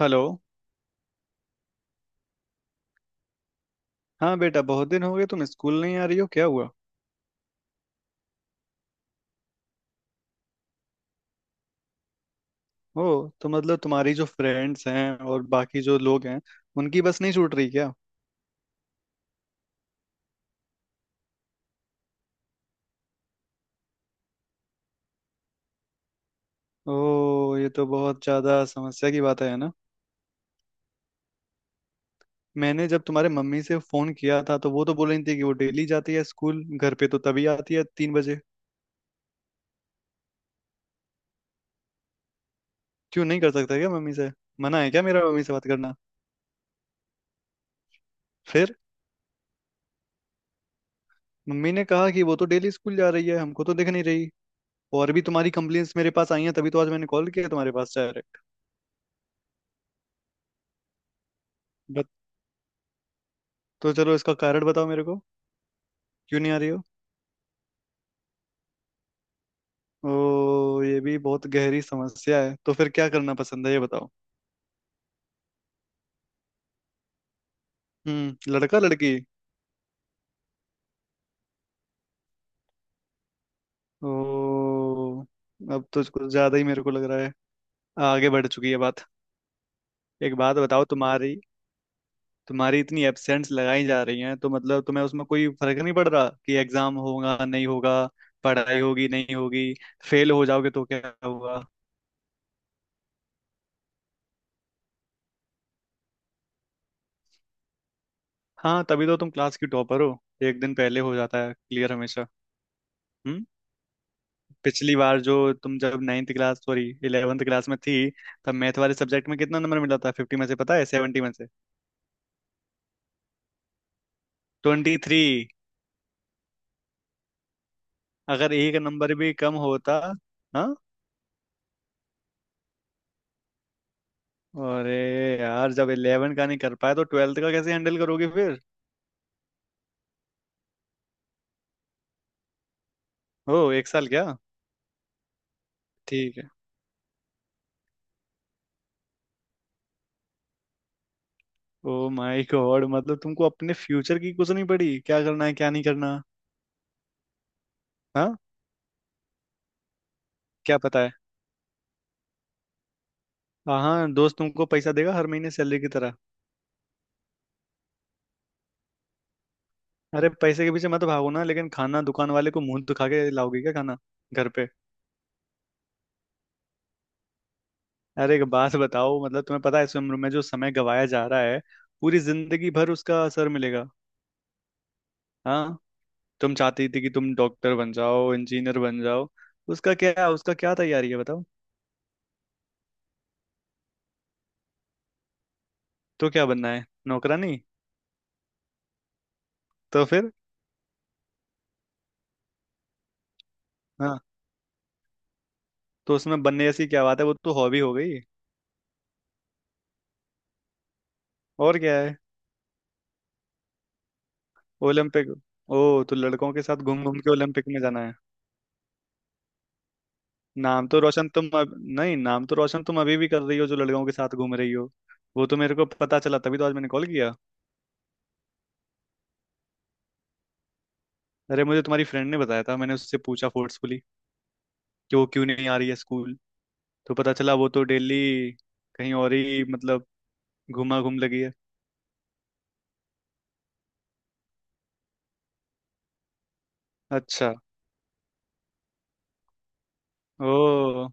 Hello. हाँ बेटा, बहुत दिन हो गए, तुम स्कूल नहीं आ रही हो, क्या हुआ? ओ। तो मतलब तुम्हारी जो फ्रेंड्स हैं और बाकी जो लोग हैं, उनकी बस नहीं छूट रही क्या? ओ, ये तो बहुत ज्यादा समस्या की बात है ना। मैंने जब तुम्हारे मम्मी से फोन किया था तो वो तो बोल रही थी कि वो डेली जाती है स्कूल, घर पे तो तभी आती है 3 बजे। क्यों, नहीं कर सकता क्या मम्मी से? मना है क्या मेरा मम्मी से बात करना? फिर मम्मी ने कहा कि वो तो डेली स्कूल जा रही है, हमको तो दिख नहीं रही। और भी तुम्हारी कंप्लेंट्स मेरे पास आई हैं, तभी तो आज मैंने कॉल किया तुम्हारे पास डायरेक्ट। तो चलो, इसका कारण बताओ मेरे को, क्यों नहीं आ रही हो? ओ, ये भी बहुत गहरी समस्या है। तो फिर क्या करना पसंद है, ये बताओ। हम्म, लड़का लड़की? ओ, अब तो कुछ ज्यादा ही मेरे को लग रहा है, आगे बढ़ चुकी है बात। एक बात बताओ, तुम्हारी तुम्हारी इतनी एब्सेंट्स लगाई जा रही हैं तो मतलब तुम्हें उसमें कोई फर्क नहीं पड़ रहा कि एग्जाम होगा नहीं होगा, पढ़ाई होगी नहीं होगी, फेल हो जाओगे तो क्या हुआ? हाँ, तभी तो तुम क्लास की टॉपर हो, एक दिन पहले हो जाता है क्लियर हमेशा। हम्म? पिछली बार जो तुम जब नाइन्थ क्लास सॉरी 11वीं क्लास में थी, तब मैथ वाले सब्जेक्ट में कितना नंबर मिला था? 50 में से? पता है? 70 में से 23। अगर एक नंबर भी कम होता। हाँ। अरे यार, जब 11 का नहीं कर पाए तो 12th का कैसे हैंडल करोगे फिर? ओ, एक साल क्या। ठीक है। ओ माय गॉड, मतलब तुमको अपने फ्यूचर की कुछ नहीं पड़ी, क्या करना है क्या नहीं करना। हाँ। क्या पता है? हाँ, दोस्त तुमको पैसा देगा हर महीने सैलरी की तरह? अरे पैसे के पीछे मत भागो ना, लेकिन खाना दुकान वाले को मुंह दिखा के लाओगे क्या, खाना घर पे? अरे एक बात बताओ, मतलब तुम्हें पता है इस उम्र में जो समय गवाया जा रहा है, पूरी जिंदगी भर उसका असर मिलेगा। हाँ। तुम चाहती थी कि तुम डॉक्टर बन जाओ, इंजीनियर बन जाओ, उसका क्या, उसका क्या तैयारी है बताओ। तो क्या बनना है, नौकरानी? तो फिर? हाँ। तो उसमें बनने जैसी क्या बात है, वो तो हॉबी हो गई। और क्या है? ओलंपिक? ओ, तो लड़कों के साथ घूम घूम के ओलंपिक में जाना है? नाम तो रोशन तुम अब नहीं, नाम तो रोशन तुम अभी भी कर रही हो जो लड़कों के साथ घूम रही हो। वो तो मेरे को पता चला तभी तो आज मैंने कॉल किया। अरे मुझे तुम्हारी फ्रेंड ने बताया था, मैंने उससे पूछा फोर्सफुली, कि वो क्यों नहीं आ रही है स्कूल। तो पता चला वो तो डेली कहीं और ही, मतलब घुमा घूम लगी है। अच्छा। ओ,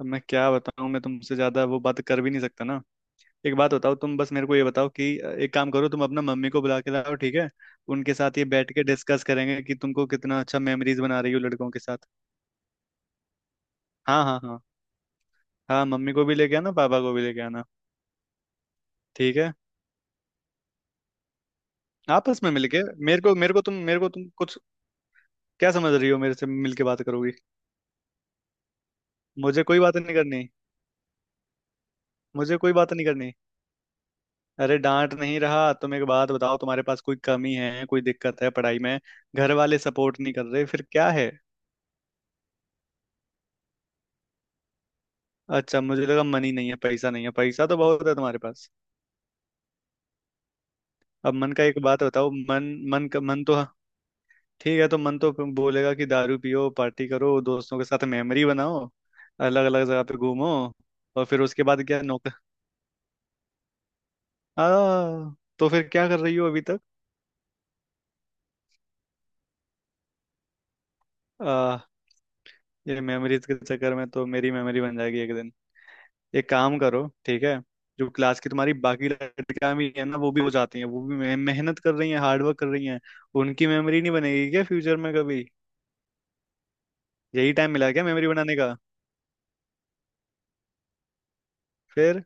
अब मैं क्या बताऊं, मैं तुमसे ज्यादा वो बात कर भी नहीं सकता ना। एक बात बताओ, तुम बस मेरे को ये बताओ कि एक काम करो, तुम अपना मम्मी को बुला के लाओ, ठीक है। उनके साथ ये बैठ के डिस्कस करेंगे कि तुमको कितना अच्छा मेमोरीज बना रही हो लड़कों के साथ। हाँ हाँ हाँ। हाँ मम्मी को भी लेके आना, पापा को भी लेके आना। ठीक है। आपस में मिलके? मेरे को तुम कुछ क्या समझ रही हो, मेरे से मिलके बात करोगी? मुझे कोई बात नहीं करनी। मुझे कोई बात नहीं करनी। अरे डांट नहीं रहा, तुम एक बात बताओ, तुम्हारे पास कोई कमी है, कोई दिक्कत है पढ़ाई में, घर वाले सपोर्ट नहीं कर रहे, फिर क्या है? अच्छा, मुझे लगा मन ही नहीं है, पैसा नहीं है, पैसा तो बहुत है तुम्हारे पास। अब मन का एक बात बताओ, मन, मन का, मन तो ठीक है, तो मन तो फिर बोलेगा कि दारू पियो, पार्टी करो, दोस्तों के साथ मेमोरी बनाओ, अलग अलग जगह पे घूमो, और फिर उसके बाद क्या, नौकर? आ, तो फिर क्या कर रही हो अभी तक? आ, ये मेमोरीज के चक्कर में तो मेरी मेमोरी बन जाएगी एक दिन। एक काम करो, ठीक है, जो क्लास की तुम्हारी बाकी लड़कियां भी है ना, वो भी हो जाती हैं, वो भी मेहनत कर रही हैं, हार्डवर्क कर रही हैं। उनकी मेमोरी नहीं बनेगी क्या फ्यूचर में कभी? यही टाइम मिला क्या मेमोरी बनाने का? फिर,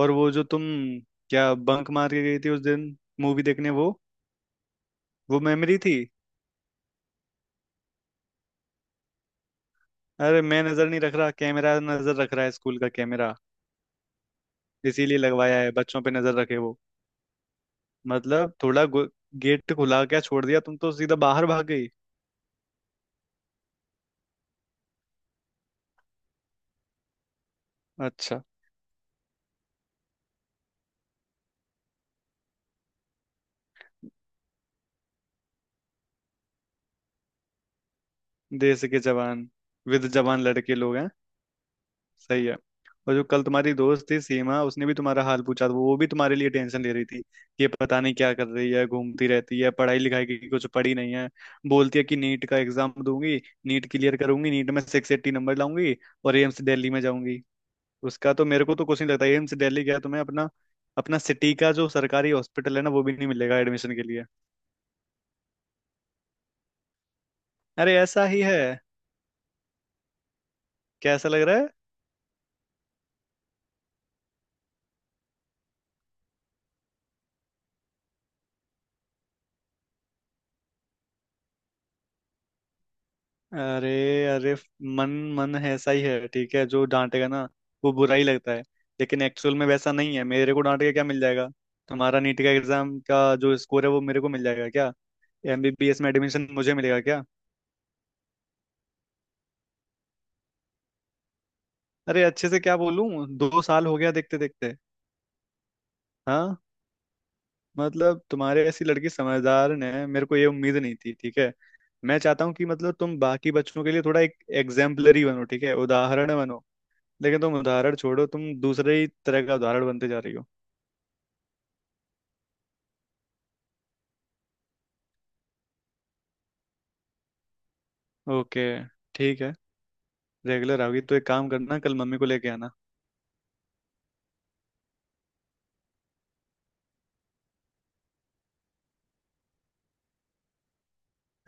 और वो जो तुम क्या बंक मार के गई थी उस दिन मूवी देखने, वो मेमोरी थी? अरे मैं नजर नहीं रख रहा, कैमरा नजर रख रहा है, स्कूल का कैमरा। इसीलिए लगवाया है, बच्चों पे नजर रखे वो। मतलब थोड़ा गेट खुला क्या छोड़ दिया, तुम तो सीधा बाहर भाग गई। अच्छा, देश के जवान, विद जवान लड़के लोग हैं। सही है। और जो कल तुम्हारी दोस्त थी सीमा, उसने भी तुम्हारा हाल पूछा था, वो भी तुम्हारे लिए टेंशन ले रही थी कि ये पता नहीं क्या कर रही है, घूमती रहती है, पढ़ाई लिखाई की कुछ पढ़ी नहीं है। बोलती है कि नीट का एग्जाम दूंगी, नीट क्लियर करूंगी, नीट में 680 नंबर लाऊंगी और एम्स दिल्ली में जाऊंगी। उसका तो मेरे को तो कुछ नहीं लगता, एम्स दिल्ली गया तुम्हें, अपना अपना सिटी का जो सरकारी हॉस्पिटल है ना वो भी नहीं मिलेगा एडमिशन के लिए। अरे ऐसा ही है। कैसा लग रहा है? अरे अरे, मन, मन है, ऐसा ही है, ठीक है जो डांटेगा ना वो बुरा ही लगता है, लेकिन एक्चुअल में वैसा नहीं है। मेरे को डांट के क्या मिल जाएगा? तुम्हारा नीट का एग्जाम का जो स्कोर है, वो मेरे को मिल जाएगा क्या? एमबीबीएस में एडमिशन मुझे मिलेगा क्या? अरे अच्छे से क्या बोलूं, 2 साल हो गया देखते देखते। हाँ, मतलब तुम्हारे ऐसी लड़की समझदार ने मेरे को ये उम्मीद नहीं थी, ठीक है? मैं चाहता हूँ कि मतलब तुम बाकी बच्चों के लिए थोड़ा एक एग्जाम्पलरी बनो, ठीक है, उदाहरण बनो। लेकिन तुम उदाहरण छोड़ो, तुम दूसरे ही तरह का उदाहरण बनते जा रही हो। ओके। ठीक है, रेगुलर आओगी तो एक काम करना, कल मम्मी को लेके आना।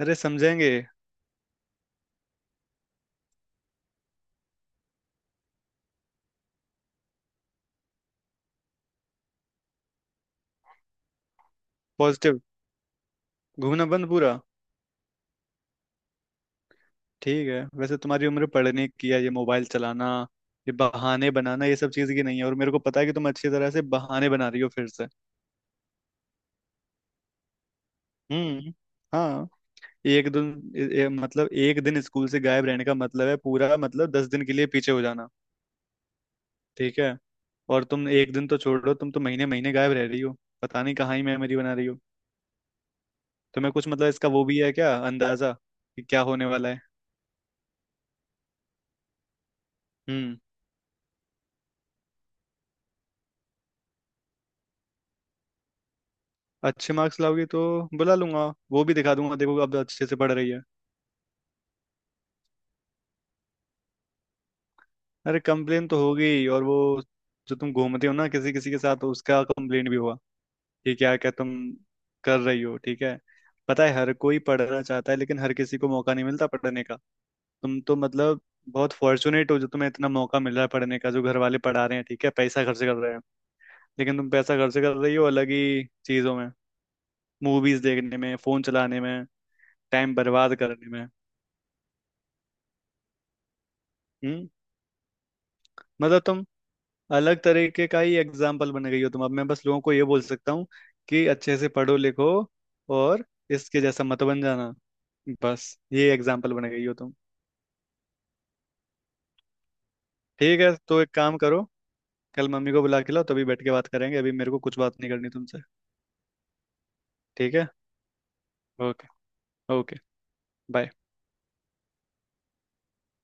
अरे समझेंगे। पॉजिटिव, घूमना बंद पूरा। ठीक है, वैसे तुम्हारी उम्र पढ़ने की है, ये मोबाइल चलाना, ये बहाने बनाना ये सब चीज की नहीं है, और मेरे को पता है कि तुम अच्छी तरह से बहाने बना रही हो फिर से। हम्म। हाँ। एक दिन ए, ए, मतलब एक दिन स्कूल से गायब रहने का मतलब है पूरा मतलब 10 दिन के लिए पीछे हो जाना, ठीक है? और तुम एक दिन तो छोड़ो, तुम तो महीने महीने गायब रह रही हो, पता नहीं कहाँ ही मेमोरी बना रही हो, तुम्हें कुछ मतलब इसका वो भी है क्या अंदाजा कि क्या होने वाला है? हम्म। अच्छे मार्क्स लाओगी तो बुला लूंगा, वो भी दिखा दूंगा, देखो अब अच्छे से पढ़ रही है। अरे कंप्लेन तो होगी, और वो जो तुम घूमते हो ना किसी किसी के साथ, उसका कंप्लेन भी होगा कि क्या क्या तुम कर रही हो, ठीक है? पता है, हर कोई पढ़ना चाहता है लेकिन हर किसी को मौका नहीं मिलता पढ़ने का। तुम तो मतलब बहुत फॉर्चुनेट हो जो तुम्हें इतना मौका मिल रहा है पढ़ने का, जो घर वाले पढ़ा रहे हैं, ठीक है, पैसा खर्च कर रहे हैं, लेकिन तुम पैसा खर्च कर रही हो अलग ही चीजों में, मूवीज देखने में, फोन चलाने में, टाइम बर्बाद करने में। हम्म, मतलब तुम अलग तरीके का ही एग्जाम्पल बन गई हो, तुम। अब मैं बस लोगों को ये बोल सकता हूँ कि अच्छे से पढ़ो लिखो, और इसके जैसा मत बन जाना। बस, ये एग्जाम्पल बन गई हो तुम। ठीक है, तो एक काम करो, कल मम्मी को बुला के लाओ, तभी बैठ के बात करेंगे, अभी मेरे को कुछ बात नहीं करनी तुमसे, ठीक है? ओके। ओके। बाय।